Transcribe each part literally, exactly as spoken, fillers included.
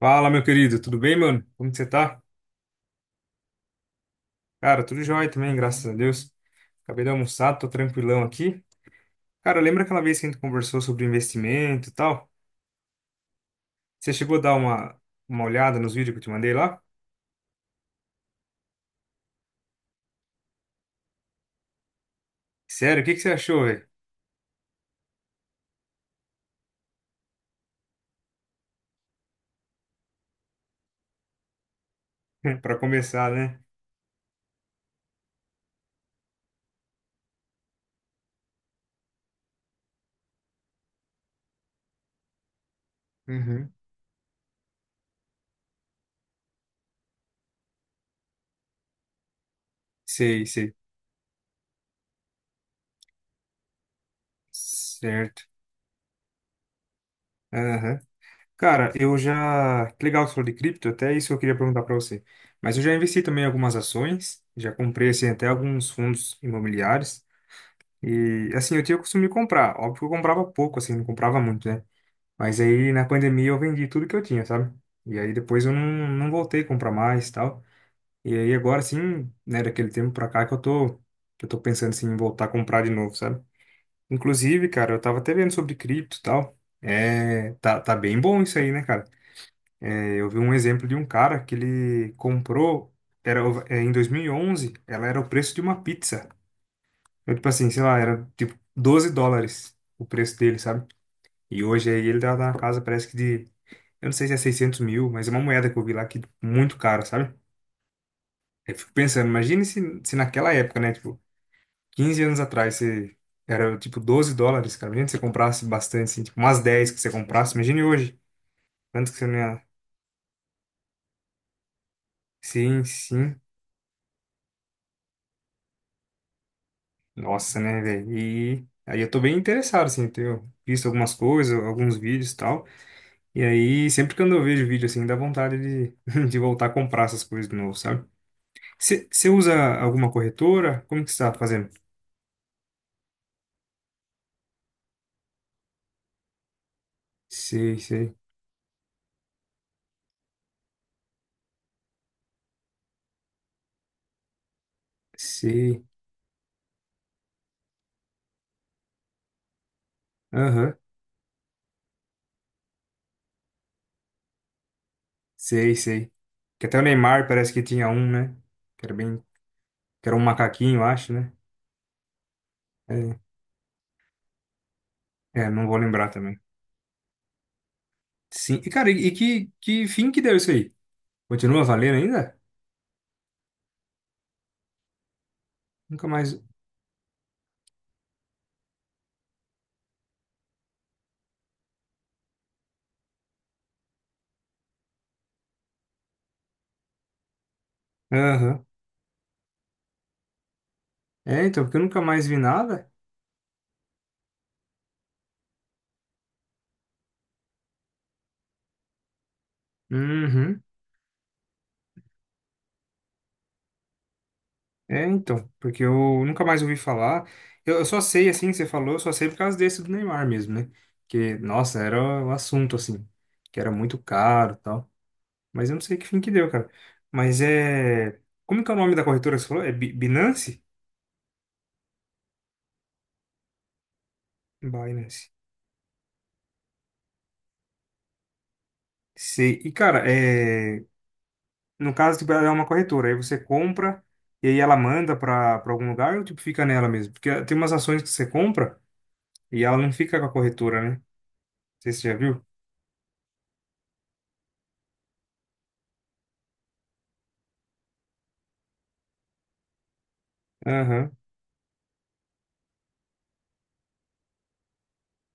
Fala, meu querido, tudo bem, mano? Como que você tá? Cara, tudo jóia também, graças a Deus. Acabei de almoçar, tô tranquilão aqui. Cara, lembra aquela vez que a gente conversou sobre investimento e tal? Você chegou a dar uma, uma olhada nos vídeos que eu te mandei lá? Sério, o que que você achou, velho? Pra começar, né? Uhum. Sei, sei. Certo. Aham. Cara, eu já. Que legal que você falou de cripto, até isso eu queria perguntar pra você. Mas eu já investi também em algumas ações, já comprei assim, até alguns fundos imobiliários. E assim, eu tinha o costume de comprar. Óbvio que eu comprava pouco, assim, não comprava muito, né? Mas aí na pandemia eu vendi tudo que eu tinha, sabe? E aí depois eu não, não voltei a comprar mais e tal. E aí agora sim, né, daquele tempo pra cá que eu tô, que eu tô pensando assim, em voltar a comprar de novo, sabe? Inclusive, cara, eu tava até vendo sobre cripto e tal. É, tá, tá bem bom isso aí, né, cara? É, eu vi um exemplo de um cara que ele comprou, era, o- é, em dois mil e onze, ela era o preço de uma pizza. Eu, tipo assim, sei lá, era tipo doze dólares o preço dele, sabe? E hoje aí ele tá na casa, parece que de. Eu não sei se é seiscentos mil, mas é uma moeda que eu vi lá que tipo, muito cara, sabe? Aí eu fico pensando, imagine se, se naquela época, né? Tipo, quinze anos atrás, você era tipo doze dólares, cara. Imagina se você comprasse bastante, assim, tipo umas dez que você comprasse. Imagine hoje. Quanto que você não ia. Sim, sim. Nossa, né, velho? E aí eu tô bem interessado, assim, tenho visto algumas coisas, alguns vídeos e tal. E aí, sempre que eu vejo vídeo assim, dá vontade de, de voltar a comprar essas coisas de novo, sabe? Você usa alguma corretora? Como que você tá fazendo? Sei, sei, sei. Aham, sei, sei. Que até o Neymar parece que tinha um, né? Que era bem, que era um macaquinho, eu acho, né? É, é, não vou lembrar também. Sim, e cara, e e que, que fim que deu isso aí? Continua valendo ainda? Nunca mais. Aham. É, então, porque eu nunca mais vi nada. Uhum. É, então, porque eu nunca mais ouvi falar. Eu, eu só sei, assim, que você falou, eu só sei por causa desse do Neymar mesmo, né? Que, nossa, era o assunto, assim, que era muito caro e tal. Mas eu não sei que fim que deu, cara. Mas é. Como que é o nome da corretora que você falou? É Bi- Binance? Binance. Sei. E, cara, é. No caso, tipo, ela é uma corretora, aí você compra e aí ela manda pra, pra algum lugar ou, tipo, fica nela mesmo? Porque tem umas ações que você compra e ela não fica com a corretora, né? Não sei se você já viu. Aham,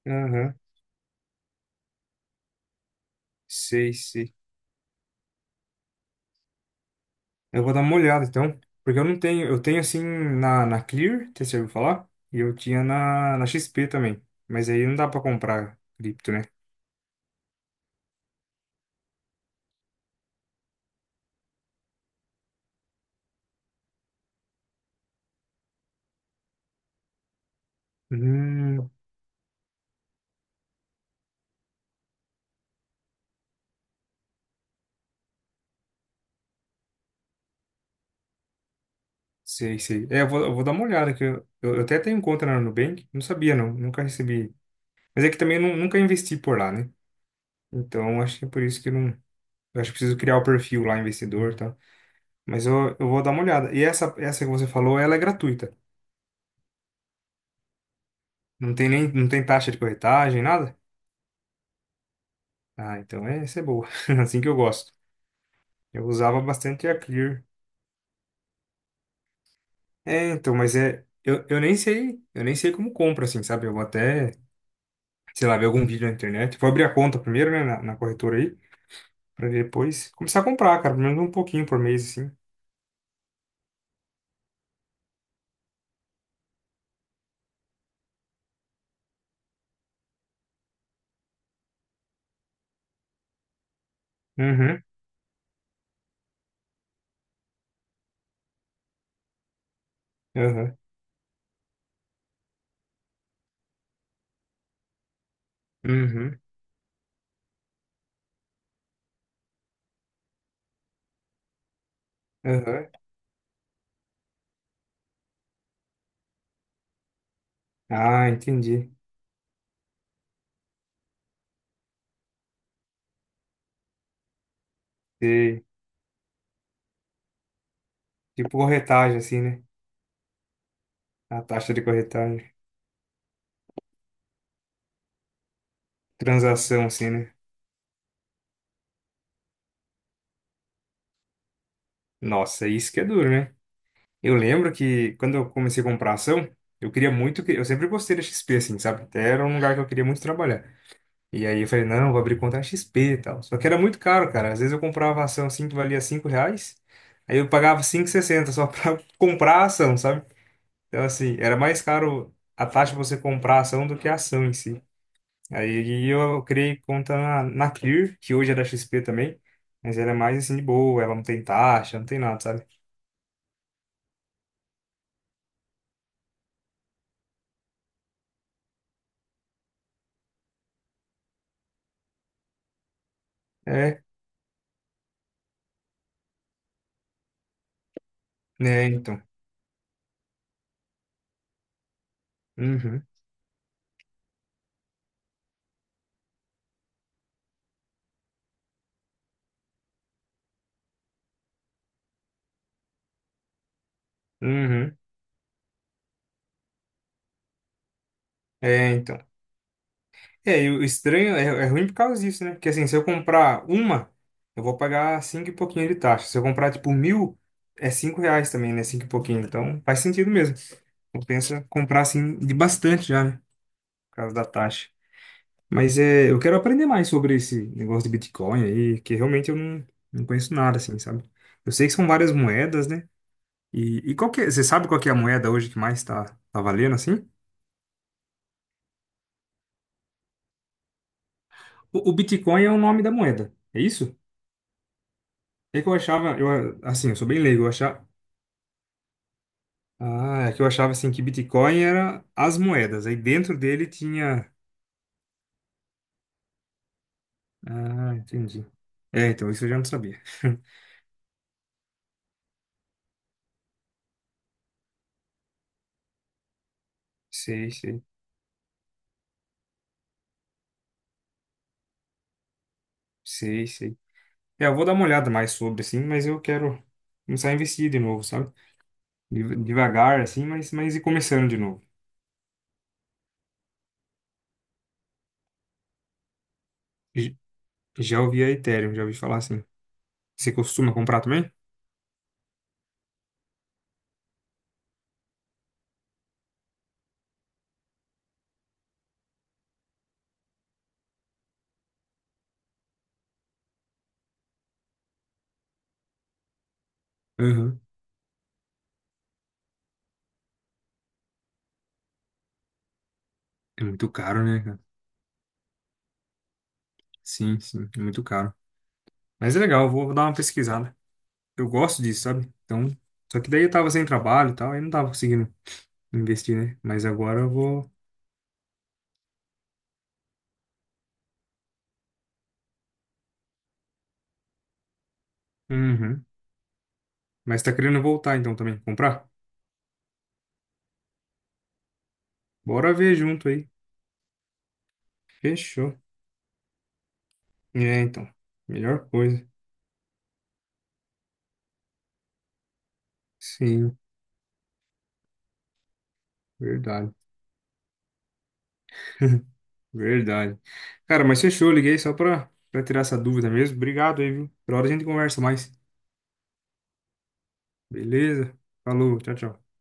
aham. Sei, sei. Eu vou dar uma olhada então, porque eu não tenho, eu tenho assim na, na Clear, que você já ouviu falar? E eu tinha na, na X P também, mas aí não dá pra comprar cripto, né? Hum, sei, sei. É, eu vou, eu vou dar uma olhada, que eu, eu até tenho conta na Nubank, não sabia não, nunca recebi. Mas é que também eu nu- nunca investi por lá, né? Então acho que é por isso que eu não. Eu acho que preciso criar o perfil lá, investidor e tal. Mas eu, eu vou dar uma olhada. E essa, essa que você falou, ela é gratuita. Não tem nem, não tem taxa de corretagem, nada? Ah, então é, essa é boa. Assim que eu gosto. Eu usava bastante a Clear. É, então, mas é. Eu, eu nem sei, eu nem sei como compra, assim, sabe? Eu vou até, sei lá, ver algum vídeo na internet. Vou abrir a conta primeiro, né, na, na corretora aí, pra depois começar a comprar, cara, pelo menos um pouquinho por mês, assim. Uhum, uhum, uhum, uhum. Ah, entendi. Sei. Tipo corretagem, assim, né? A taxa de corretagem. Transação, assim, né? Nossa, isso que é duro, né? Eu lembro que quando eu comecei a comprar ação, eu queria muito, que- eu sempre gostei da X P, assim, sabe? Até era um lugar que eu queria muito trabalhar. E aí eu falei, não, vou abrir conta na X P e tal. Só que era muito caro, cara. Às vezes eu comprava ação assim que valia cinco reais, aí eu pagava cinco e sessenta só pra comprar a ação, sabe? Então, assim, era mais caro a taxa de você comprar a ação do que a ação em si. Aí eu criei conta na, na Clear, que hoje é da X P também, mas ela é mais assim de boa, ela não tem taxa, não tem nada, sabe? É, né, então. Uhum. Uhum. É, então. É, e o estranho é, é ruim por causa disso, né? Porque assim, se eu comprar uma, eu vou pagar cinco e pouquinho de taxa. Se eu comprar, tipo, mil, é cinco reais também, né? Cinco e pouquinho. Então, faz sentido mesmo. Compensa comprar, assim, de bastante já, né? Por causa da taxa. Mas é, eu quero aprender mais sobre esse negócio de Bitcoin aí, que realmente eu não, não conheço nada, assim, sabe? Eu sei que são várias moedas, né? E, e qual que é, você sabe qual que é a moeda hoje que mais tá, tá, valendo, assim? O, o Bitcoin é o nome da moeda, é isso? É que eu achava, eu, assim, eu sou bem leigo, eu achava, ah, é que eu achava, assim, que Bitcoin era as moedas, aí dentro dele tinha, ah, entendi. É, então, isso eu já não sabia. Sei, sei, sei, sei. É, eu vou dar uma olhada mais sobre, assim, mas eu quero começar a investir de novo, sabe? Deva- Devagar, assim, mas, mas e começando de novo. J- Já ouvi a Ethereum, já ouvi falar assim. Você costuma comprar também? Uhum. É muito caro, né, cara? Sim, sim, é muito caro. Mas é legal, eu vou dar uma pesquisada. Eu gosto disso, sabe? Então, só que daí eu tava sem trabalho e tal, aí não tava conseguindo investir, né? Mas agora eu vou. Uhum. Mas tá querendo voltar então também, comprar? Bora ver junto aí. Fechou. É, então. Melhor coisa. Sim, verdade. Verdade. Cara, mas fechou, liguei só pra, pra tirar essa dúvida mesmo. Obrigado aí, viu? Por hora a gente conversa mais. Beleza? Falou, tchau, tchau.